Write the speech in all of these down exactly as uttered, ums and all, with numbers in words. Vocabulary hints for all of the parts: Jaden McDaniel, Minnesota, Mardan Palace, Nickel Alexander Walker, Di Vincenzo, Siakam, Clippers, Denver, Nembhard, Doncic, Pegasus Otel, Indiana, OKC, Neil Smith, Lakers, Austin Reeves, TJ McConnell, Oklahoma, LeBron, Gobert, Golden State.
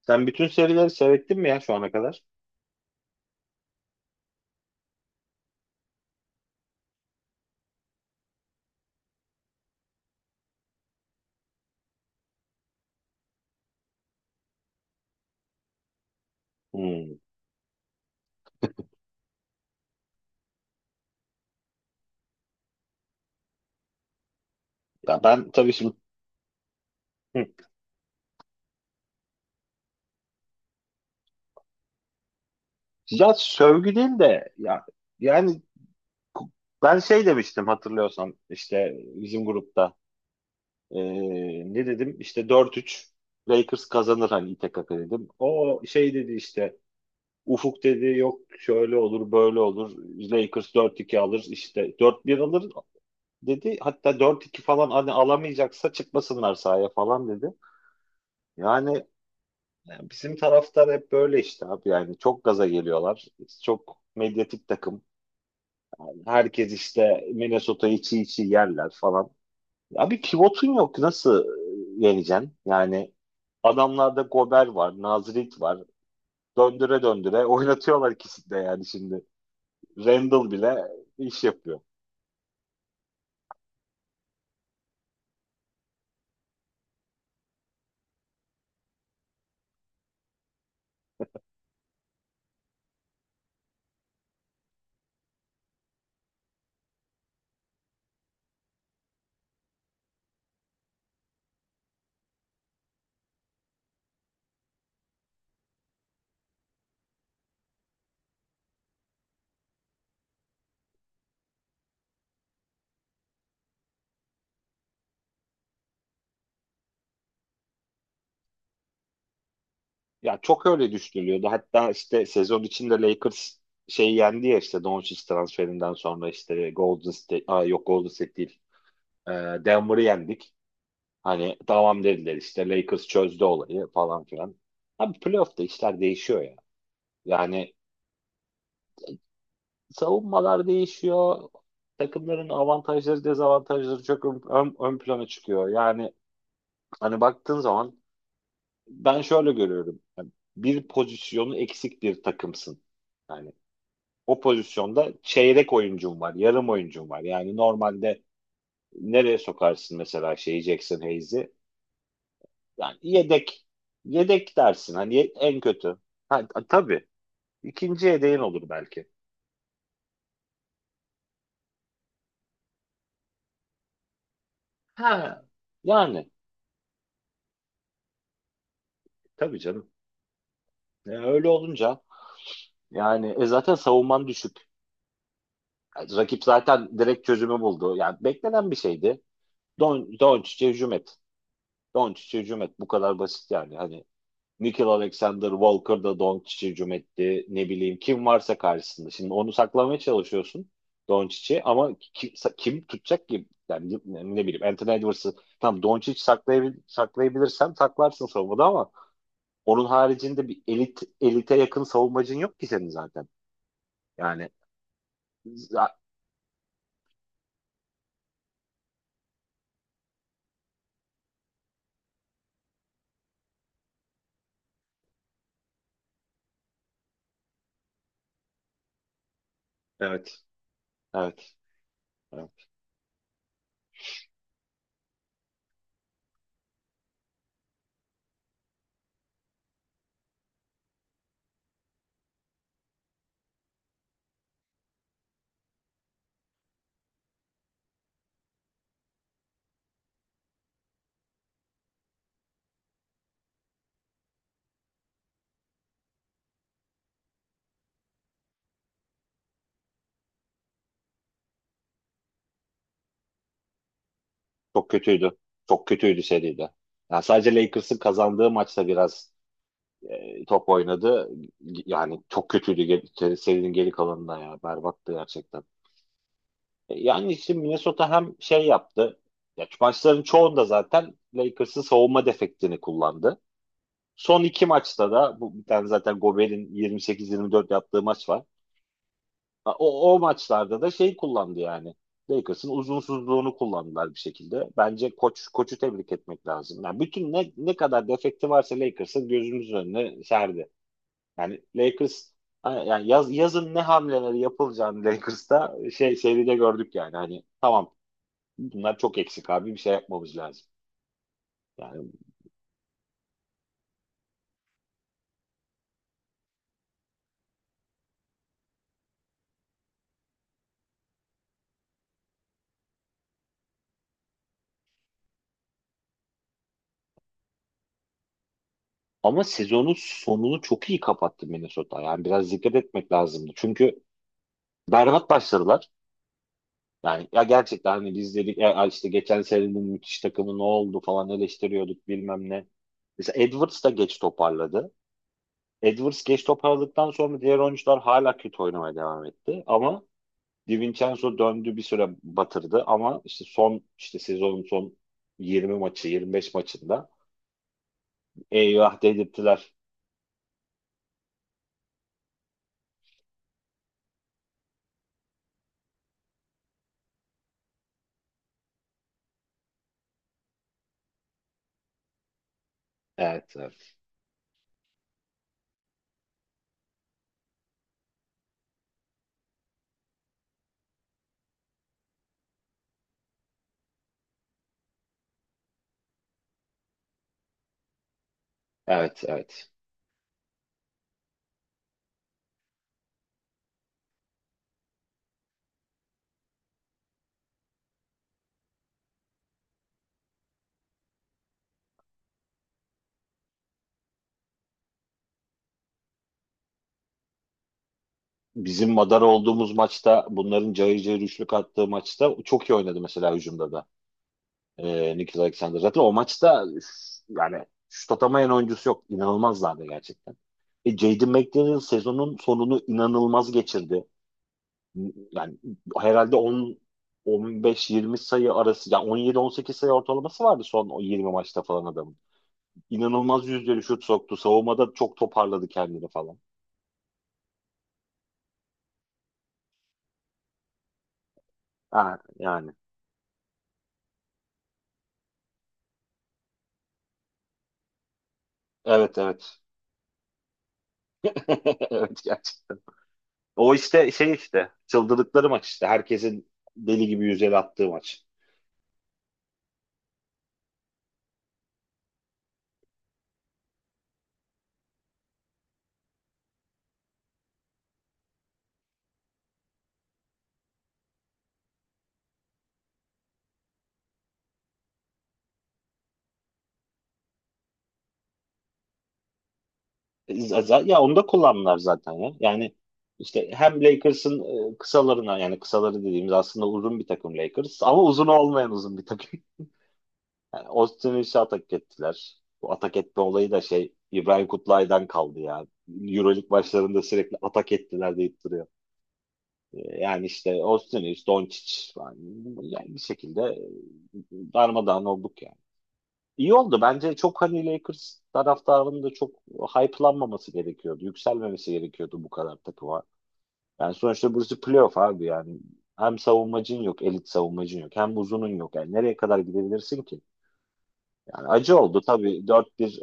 Sen bütün serileri seyrettin mi ya şu ana kadar? Hmm. Ya ben tabii şimdi. Hı. Ya sövgü değil de ya, yani ku- ben şey demiştim, hatırlıyorsan işte bizim grupta. Ee, ne dedim işte, dört üç Lakers kazanır hani, İTKK dedim. O şey dedi işte. Ufuk dedi, yok, şöyle olur böyle olur, Lakers dört iki alır işte, dört bir alır dedi. Hatta dört iki falan hani alamayacaksa çıkmasınlar sahaya falan dedi. Yani Yani bizim taraftar hep böyle işte abi, yani çok gaza geliyorlar. Çok medyatik takım. Herkes işte Minnesota'yı çiğ çiğ yerler falan. Abi pivotun yok, nasıl e, yeneceksin? Yani adamlarda Gober var, Nazirik var. Döndüre döndüre oynatıyorlar ikisini de yani şimdi. Randall bile iş yapıyor. Ya çok öyle düşünülüyordu. Hatta işte sezon içinde Lakers şey yendi ya, işte Doncic transferinden sonra işte Golden State, aa yok, Golden State değil. Ee, Denver'ı yendik. Hani tamam dediler işte, Lakers çözdü olayı falan filan. Abi playoff'ta işler değişiyor ya. Yani savunmalar değişiyor. Takımların avantajları dezavantajları çok ön, ön, ön plana çıkıyor. Yani hani baktığın zaman ben şöyle görüyorum. Yani bir pozisyonu eksik bir takımsın. Yani o pozisyonda çeyrek oyuncum var, yarım oyuncum var. Yani normalde nereye sokarsın mesela şeyi, Jackson Hayes'i? Yani yedek, yedek dersin hani, ye- en kötü. Ha, a- tabii ikinci yedeğin olur belki. Ha yani, tabii canım. E, öyle olunca yani, e, zaten savunman düşük. Yani rakip zaten direkt çözümü buldu. Yani beklenen bir şeydi. Don Doncic'e hücum et. Doncic'e hücum et. Bu kadar basit yani. Hani Nickel Alexander Walker da Doncic'e hücum etti. Ne bileyim kim varsa karşısında. Şimdi onu saklamaya çalışıyorsun Doncic'i, ama kim, kim tutacak ki? Yani ne bileyim Anthony Edwards'ı tam Doncic saklayabil, saklayabilirsen saklarsın savunmada, ama onun haricinde bir elit elite yakın savunmacın yok ki senin zaten. Yani za- evet, evet, evet. Çok kötüydü. Çok kötüydü seride. Yani sadece Lakers'ın kazandığı maçta biraz e, top oynadı. Yani çok kötüydü gel- serinin geri kalanında ya. Berbattı gerçekten. E, Yani işte Minnesota hem şey yaptı. Ya, şu maçların çoğunda zaten Lakers'ın savunma defektini kullandı. Son iki maçta da bu, bir tane zaten Gobert'in yirmi sekize yirmi dört yaptığı maç var. Ha, O, o maçlarda da şey kullandı yani. Lakers'ın uzunsuzluğunu kullandılar bir şekilde. Bence koç koçu tebrik etmek lazım. Yani bütün ne ne kadar defekti varsa Lakers'ın, gözümüzün önüne serdi. Yani Lakers, yani yaz, yazın ne hamleleri yapılacağını Lakers'ta şey, seride gördük yani. Hani tamam, bunlar çok eksik abi, bir şey yapmamız lazım. Yani ama sezonun sonunu çok iyi kapattı Minnesota. Yani biraz dikkat etmek lazımdı. Çünkü berbat başladılar. Yani ya gerçekten, hani biz dedik ya işte, geçen senenin müthiş takımı ne oldu falan eleştiriyorduk bilmem ne. Mesela Edwards da geç toparladı. Edwards geç toparladıktan sonra diğer oyuncular hala kötü oynamaya devam etti. Ama Di Vincenzo döndü, bir süre batırdı, ama işte son, işte sezonun son yirmi maçı yirmi beş maçında eyvah dedirttiler. Evet, evet. Evet, evet. Bizim madar olduğumuz maçta, bunların cayır cayır üçlük attığı maçta çok iyi oynadı mesela hücumda da. Ee, Nikhil Alexander. Zaten o maçta üf, yani şut atamayan oyuncusu yok. İnanılmazlardı gerçekten. E, Jaden McDaniel sezonun sonunu inanılmaz geçirdi. Yani herhalde on, on beş yirmi sayı arası, yani on yedi on sekiz sayı ortalaması vardı son o yirmi maçta falan adamın. İnanılmaz yüzdeli şut soktu. Savunmada çok toparladı kendini falan. Ha, yani. Evet, evet. Evet, gerçekten. O işte şey, işte çıldırdıkları maç işte. Herkesin deli gibi yüzeli attığı maç. E, z- z- Ya onu da kullandılar zaten ya. Yani işte hem Lakers'ın e, kısalarına, yani kısaları dediğimiz aslında uzun bir takım Lakers, ama uzun olmayan uzun bir takım. Yani Austin Reeves'e atak ettiler. Bu atak etme olayı da şey, İbrahim Kutlay'dan kaldı ya. Euroleague başlarında sürekli atak ettiler deyip duruyor. Ee, Yani işte Austin Reeves, Doncic falan. Yani bir şekilde e, darmadağın olduk yani. İyi oldu. Bence çok hani Lakers taraftarının da çok hype'lanmaması gerekiyordu. Yükselmemesi gerekiyordu bu kadar takıma. Yani sonuçta burası playoff abi yani. Hem savunmacın yok, elit savunmacın yok. Hem uzunun yok. Yani nereye kadar gidebilirsin ki? Yani acı oldu tabii, dört bir,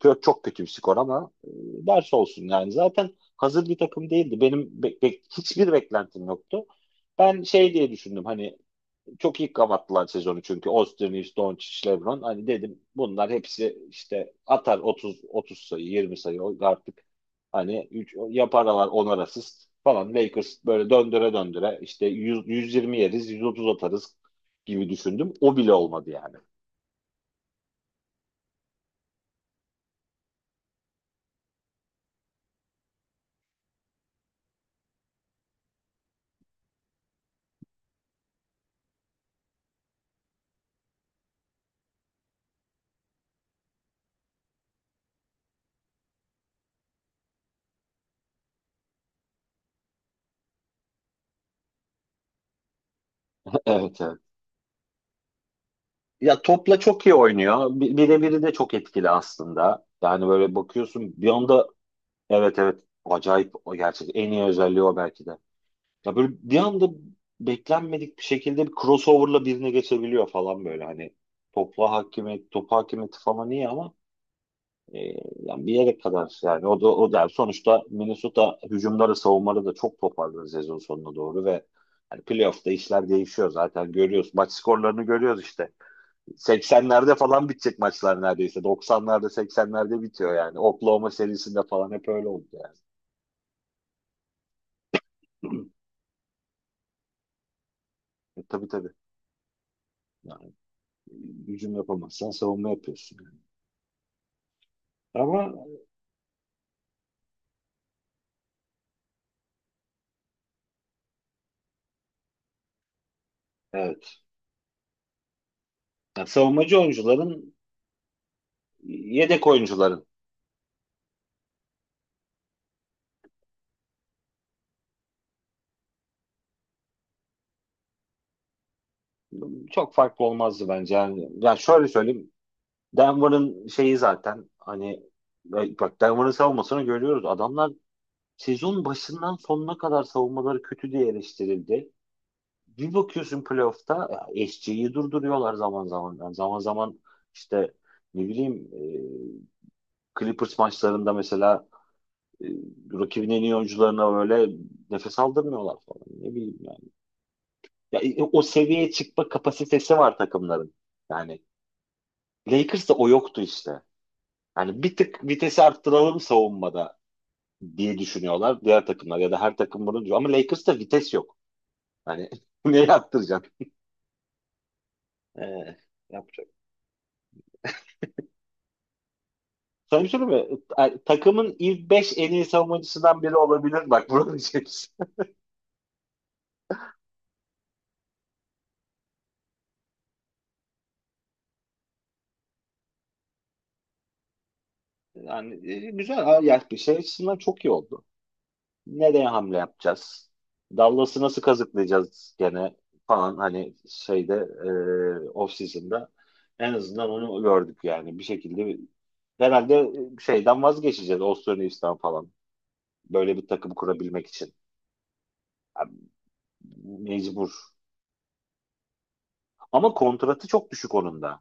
kö- çok kötü bir skor, ama e, ders olsun yani. Zaten hazır bir takım değildi. Benim be- be- hiçbir beklentim yoktu. Ben şey diye düşündüm, hani çok iyi kapattılar sezonu, çünkü Osterniz, Doncic, LeBron, hani dedim bunlar hepsi işte atar otuz, otuz sayı, yirmi sayı artık, hani üç yaparlar, onar asist falan, Lakers böyle döndüre döndüre işte yüz, yüz yirmi yeriz, yüz otuz atarız gibi düşündüm. O bile olmadı yani. Evet, evet. Ya topla çok iyi oynuyor. Bi- Birebiri de çok etkili aslında. Yani böyle bakıyorsun bir anda, evet, evet, acayip, o gerçek en iyi özelliği o belki de. Ya böyle bir anda beklenmedik bir şekilde bir crossover'la birine geçebiliyor falan, böyle hani topla hakimiyet, top hakimiyeti falan iyi, ama e, yani bir yere kadar, yani o da o da yani sonuçta Minnesota hücumları, savunmaları da çok toparladı sezon sonuna doğru ve hani playoff'ta işler değişiyor zaten, görüyoruz. Maç skorlarını görüyoruz işte. seksenlerde falan bitecek maçlar neredeyse. doksanlarda, seksenlerde bitiyor yani. Oklahoma serisinde falan hep öyle oldu yani. E, tabii, tabii. Yani, hücum yapamazsan savunma yapıyorsun. Yani. Ama evet. Yani savunmacı oyuncuların, yedek oyuncuların çok farklı olmazdı bence. Yani, yani şöyle söyleyeyim. Denver'ın şeyi zaten, hani e, bak, Denver'ın savunmasını görüyoruz. Adamlar sezon başından sonuna kadar savunmaları kötü diye eleştirildi. Bir bakıyorsun playoff'ta S G'yi durduruyorlar zaman zaman. Yani zaman zaman işte ne bileyim, e, Clippers maçlarında mesela, e, rakibin en iyi oyuncularına böyle nefes aldırmıyorlar falan. Ne bileyim yani. Ya, e, o seviyeye çıkma kapasitesi var takımların. Yani Lakers'ta o yoktu işte. Yani bir tık vitesi arttıralım savunmada diye düşünüyorlar diğer takımlar, ya da her takım bunu diyor. Ama Lakers'ta vites yok. Yani neye arttıracaksın? Ee, yap- Sana bir şey söyleyeyim mi? Ta- Takımın ilk beş en iyi savunmacısından biri olabilir. Bak, bunu diyeceksin. Yani e, güzel. Ha, ya bir şey açısından çok iyi oldu. Nereye hamle yapacağız? Dallas'ı nasıl kazıklayacağız gene falan, hani şeyde, e, off season'da en azından onu gördük, yani bir şekilde, bir- herhalde e, şeyden vazgeçeceğiz, Austin Reeves'ten falan böyle bir takım kurabilmek için. Yani mecbur, ama kontratı çok düşük onun da.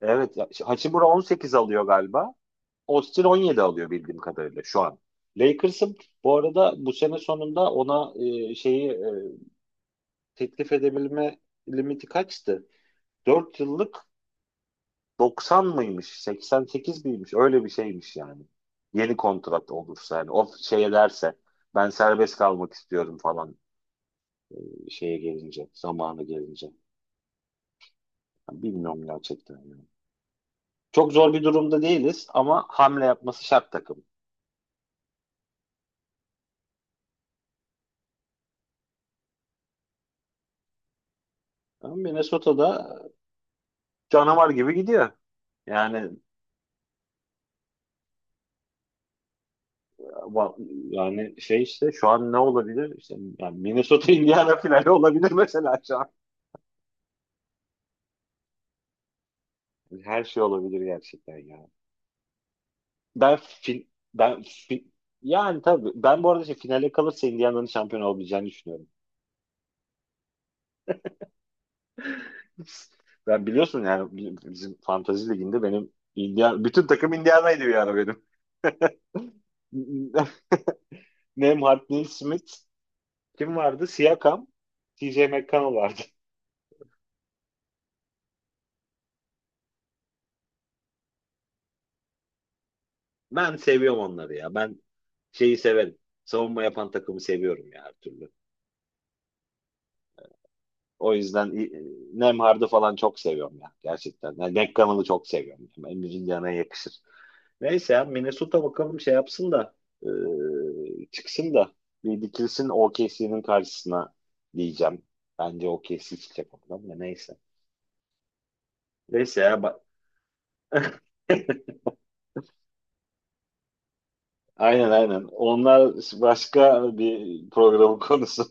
Evet ya, Hachimura on sekiz alıyor galiba, Austin on yedi alıyor bildiğim kadarıyla şu an. Lakers'ın bu arada bu sene sonunda ona e, şeyi, e, teklif edebilme limiti kaçtı? dört yıllık doksan mıymış? seksen sekiz miymiş? Öyle bir şeymiş yani. Yeni kontrat olursa, yani o şey ederse, ben serbest kalmak istiyorum falan, e, şeye gelince, zamanı gelince. Yani bilmiyorum gerçekten. Yani. Çok zor bir durumda değiliz ama hamle yapması şart takım. Ama Minnesota'da canavar gibi gidiyor. Yani. Ama. Yani şey işte şu an ne olabilir? İşte yani Minnesota Indiana finali olabilir mesela şu an. Her şey olabilir gerçekten ya. Ben fin, ben fin- Yani tabii, ben bu arada şey, finale kalırsa Indiana'nın şampiyon olabileceğini düşünüyorum. Ben biliyorsun, yani bi- bizim Fantasy Ligi'nde benim Indiana, bütün takım Indiana'ydı bir ara benim. Nembhard, Neil Smith, kim vardı? Siakam, T J McConnell vardı. Ben seviyorum onları ya. Ben şeyi severim. Savunma yapan takımı seviyorum ya, her türlü. O yüzden e, Nemhard'ı falan çok seviyorum ya gerçekten. Yani Nekkan'ı çok seviyorum. Yani Emre'nin yanına yakışır. Neyse ya, Minnesota bakalım şey yapsın da, e, çıksın da, bir dikilsin O K C'nin karşısına diyeceğim. Bence O K C çıkacak ondan da, neyse. Neyse ya, bak. Aynen, aynen. Onlar başka bir programın konusu.